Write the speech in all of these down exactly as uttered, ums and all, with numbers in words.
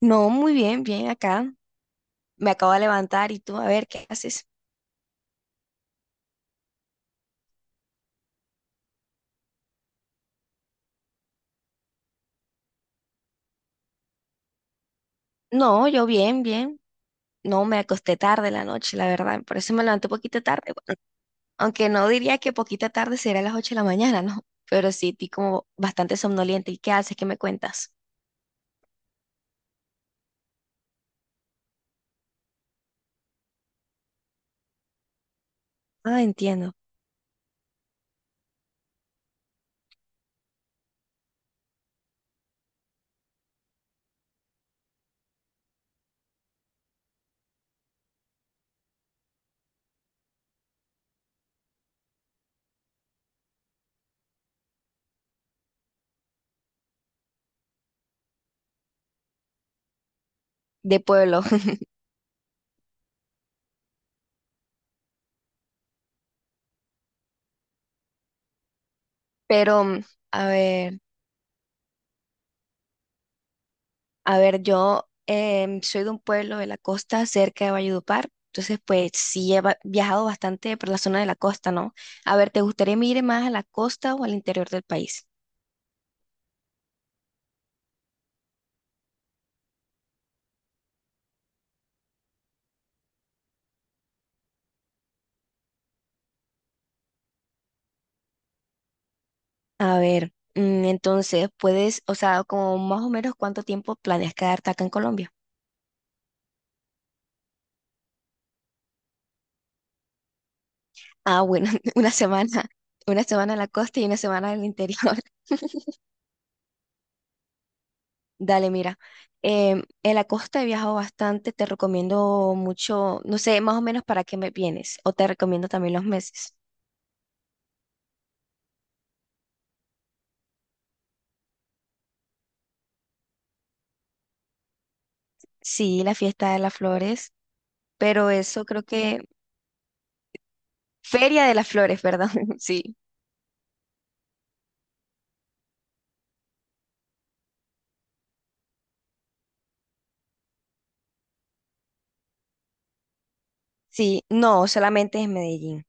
No, muy bien, bien acá. Me acabo de levantar y tú, a ver, ¿qué haces? No, yo bien, bien. No, me acosté tarde la noche, la verdad. Por eso me levanté poquito tarde. Bueno, aunque no diría que poquita tarde sería las ocho de la mañana, ¿no? Pero sí, estoy como bastante somnoliente. ¿Y qué haces? ¿Qué me cuentas? Ah, entiendo. De pueblo. Pero, mm, a ver. A ver, yo em, soy de un pueblo de la costa cerca de Valledupar, entonces pues sí he va- viajado bastante por la zona de la costa, ¿no? A ver, ¿te gustaría ir más a la costa o al interior del país? A ver, mm, entonces puedes, o sea, como más o menos cuánto tiempo planeas quedarte acá en Colombia. Ah, bueno, una semana, una semana en la costa y una semana en el interior. Dale, mira, em, en la costa he viajado bastante, te recomiendo mucho, no sé, más o menos para qué me vienes, o te recomiendo también los meses. Sí, la fiesta de las flores, pero eso creo que... Feria de las Flores, ¿verdad? Sí. Sí, no, solamente es Medellín.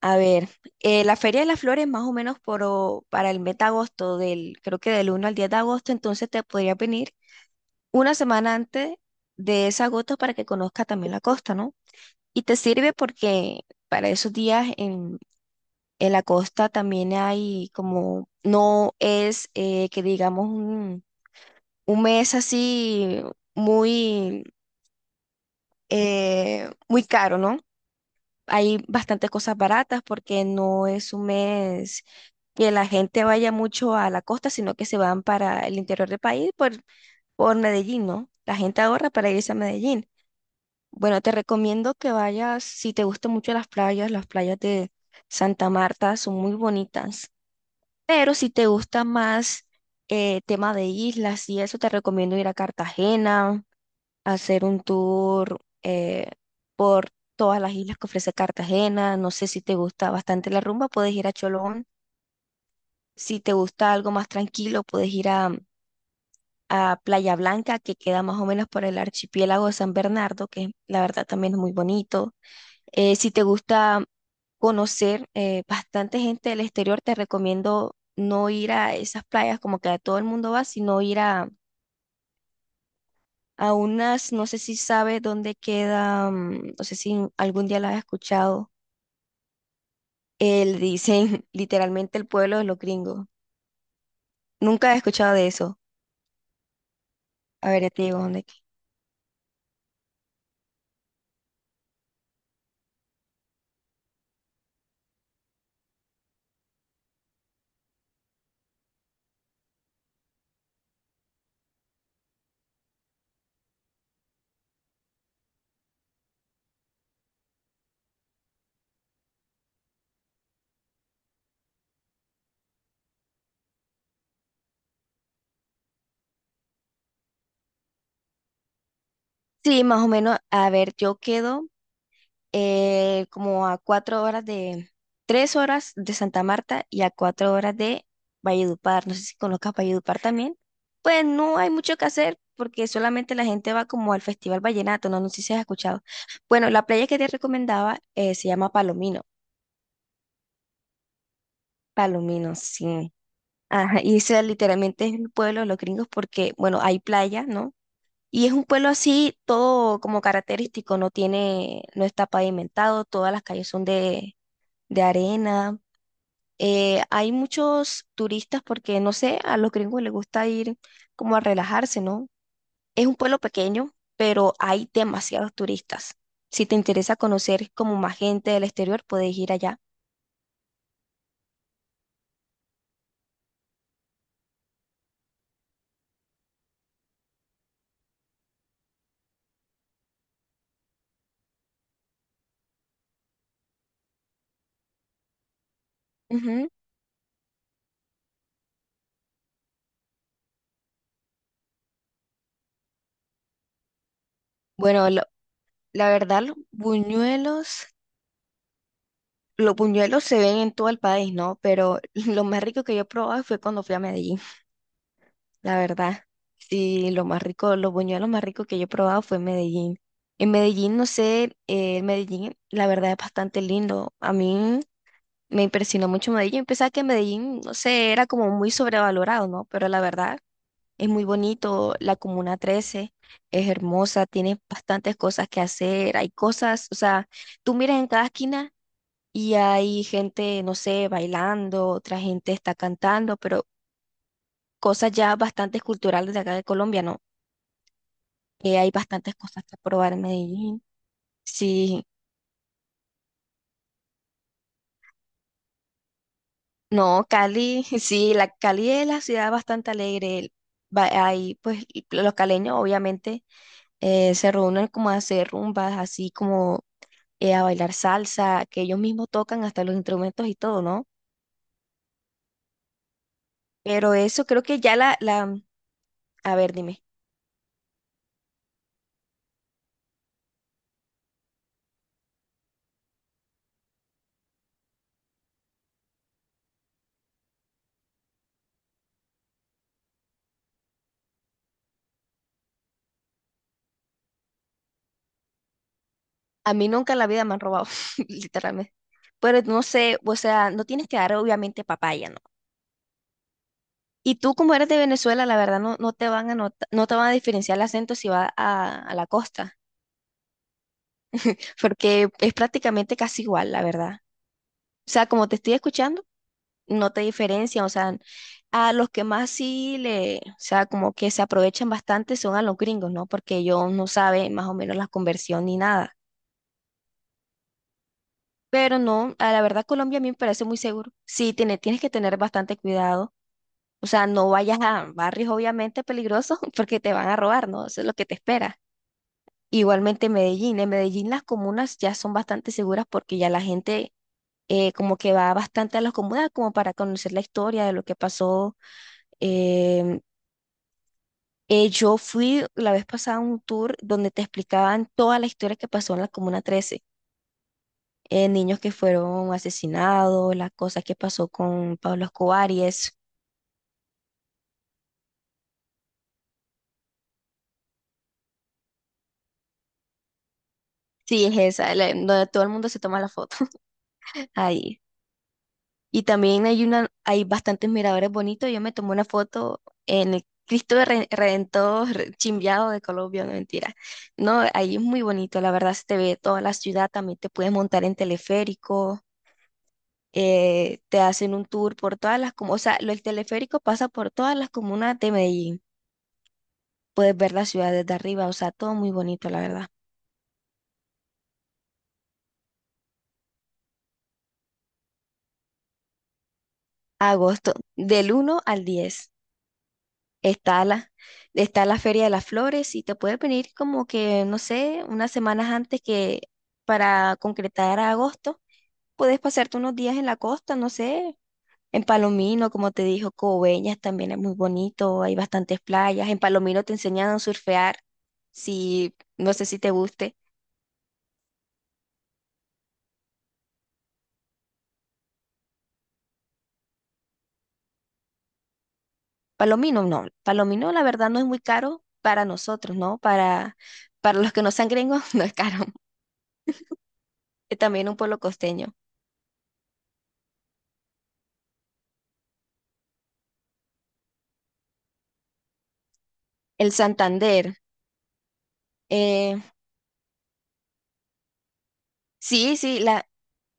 A ver, eh, la Feria de las Flores más o menos por, o- para el mes de agosto, del, creo que del uno al diez de agosto, entonces te podría venir una semana antes de ese agosto para que conozca también la costa, ¿no? Y te sirve porque para esos días en, en la costa también hay como, no es eh, que digamos un mes así muy, eh, muy caro, ¿no? Hay bastantes cosas baratas porque no es un mes que la gente vaya mucho a la costa, sino que se van para el interior del país por, por Medellín, ¿no? La gente ahorra para irse a Medellín. Bueno, te recomiendo que vayas, si te gustan mucho las playas, las playas de Santa Marta son muy bonitas, pero si te gusta más eh, tema de islas y eso, te recomiendo ir a Cartagena hacer un tour eh, por todas las islas que ofrece Cartagena. No sé si te gusta bastante la rumba, puedes ir a Cholón. Si te gusta algo más tranquilo, puedes ir a, a Playa Blanca, que queda más o menos por el archipiélago de San Bernardo, que la verdad también es muy bonito. Eh, si te gusta conocer eh, bastante gente del exterior, te recomiendo no ir a esas playas como que a todo el mundo va, sino ir a a unas, no sé si sabe dónde queda, mm, no sé si algún día la has escuchado, eh, le dicen literalmente el pueblo de los gringos. Nunca he escuchado de eso. A ver, ya te digo dónde. que- Sí, más o menos, a ver, yo quedo eh, como a cuatro horas de, tres horas de Santa Marta y a cuatro horas de Valledupar. No sé si conozcas Valledupar también. Pues no hay mucho que hacer porque solamente la gente va como al Festival Vallenato, no, no sé si has escuchado. Bueno, la playa que te recomendaba eh, se llama Palomino. Palomino, sí. Ajá, y ese literalmente es el pueblo de los gringos porque, bueno, hay playa, ¿no? Y es un pueblo así, todo como característico, no tiene, no está pavimentado, todas las calles son de, de arena. Eh, hay muchos turistas porque, no sé, a los gringos les gusta ir como a relajarse, ¿no? Es un pueblo pequeño, pero hay demasiados turistas. Si te interesa conocer como más gente del exterior, puedes ir allá. Ujú. Bueno, lo- la verdad, los buñuelos, los buñuelos se ven en todo el país, ¿no? Pero lo más rico que yo he probado fue cuando fui a Medellín. La verdad. Sí, lo más rico, los buñuelos más ricos que yo he probado fue en Medellín. En Medellín, no sé, eh, Medellín, la verdad es bastante lindo. A mí me impresionó mucho Medellín. Pensaba que Medellín, no sé, era como muy sobrevalorado, ¿no? Pero la verdad es muy bonito. La Comuna trece es hermosa, tiene bastantes cosas que hacer. Hay cosas, o sea, tú miras en cada esquina y hay gente, no sé, bailando, otra gente está cantando, pero cosas ya bastante culturales de acá de Colombia, ¿no? Eh, hay bastantes cosas que probar en Medellín. Sí, no, Cali, sí, la Cali es la ciudad bastante alegre. Va- Ahí, pues, y los caleños obviamente eh, se reúnen como a hacer rumbas, así como eh, a bailar salsa, que ellos mismos tocan hasta los instrumentos y todo, ¿no? Pero eso creo que ya la, la, A ver, dime, a mí nunca en la vida me han robado, literalmente. Pero no sé, o sea, no tienes que dar obviamente papaya, ¿no? Y tú, como eres de Venezuela, la verdad no, no te van a nota- no te van a diferenciar el acento si vas a, a la costa, porque es prácticamente casi igual, la verdad. O sea, como te estoy escuchando, no te diferencian. O sea, a los que más sí le, o sea, como que se aprovechan bastante son a los gringos, ¿no? Porque ellos no saben más o menos la conversión ni nada. Pero no, a la verdad Colombia a mí me parece muy seguro. Sí, tiene- tienes que tener bastante cuidado. O sea, no vayas a barrios obviamente peligrosos porque te van a robar, ¿no? Eso es lo que te espera. Igualmente Medellín. En Medellín las comunas ya son bastante seguras porque ya la gente eh, como que va bastante a las comunas como para conocer la historia de lo que pasó. Em, eh, yo fui la vez pasada a un tour donde te explicaban toda la historia que pasó en la Comuna trece. Eh, niños que fueron asesinados, las cosas que pasó con Pablo Escobar y eso. Sí, es esa, la- donde todo el mundo se toma la foto. Ahí. Y también hay una, hay bastantes miradores bonitos. Yo me tomé una foto en el Cristo de Re- Redentor Re- Chimbiado de Colombia, no mentira. No, ahí es muy bonito, la verdad se te ve toda la ciudad, también te puedes montar en teleférico, eh, te hacen un tour por todas las comunas, o sea, lo- el teleférico pasa por todas las comunas de Medellín. Puedes ver la ciudad desde arriba, o sea, todo muy bonito, la verdad. Agosto, del uno al diez. Está la, está la Feria de las Flores y te puedes venir como que, no sé, unas semanas antes que para concretar a agosto. Puedes pasarte unos días en la costa, no sé, en Palomino, como te dijo, Coveñas también es muy bonito, hay bastantes playas. En Palomino te enseñan a surfear, si, no sé si te guste. Palomino, no, Palomino la verdad no es muy caro para nosotros, ¿no? Para, para los que no sean gringos, no es caro. Es también un pueblo costeño. El Santander. eh, Sí, sí, la,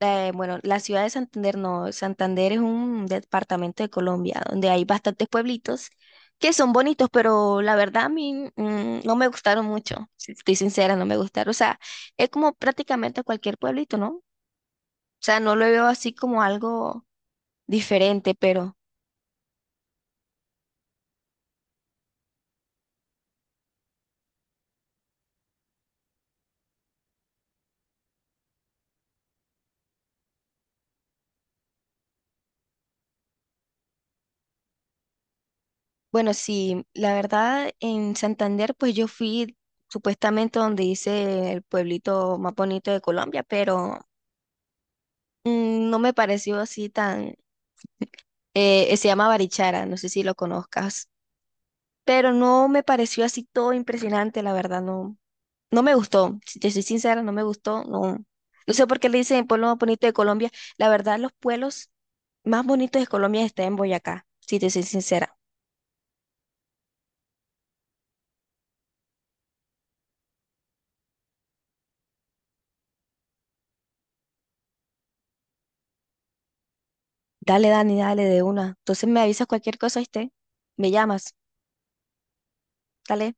eh, bueno, la ciudad de Santander no, Santander es un departamento de Colombia donde hay bastantes pueblitos que son bonitos, pero la verdad a mí mm, no me gustaron mucho, si estoy sincera, no me gustaron. O sea, es como prácticamente cualquier pueblito, ¿no? O sea, no lo veo así como algo diferente, pero bueno, sí, la verdad en Santander pues yo fui supuestamente donde hice el pueblito más bonito de Colombia, pero mm, no me pareció así tan. Eh, se llama Barichara, no sé si lo conozcas, pero no me pareció así todo impresionante, la verdad, no, no me gustó, si te soy sincera, no me gustó, no, no sé por qué le dicen el pueblo más bonito de Colombia, la verdad, los pueblos más bonitos de Colombia están en Boyacá, si te soy sincera. Dale, Dani, dale de una. Entonces me avisas cualquier cosa, ¿viste? Me llamas, dale.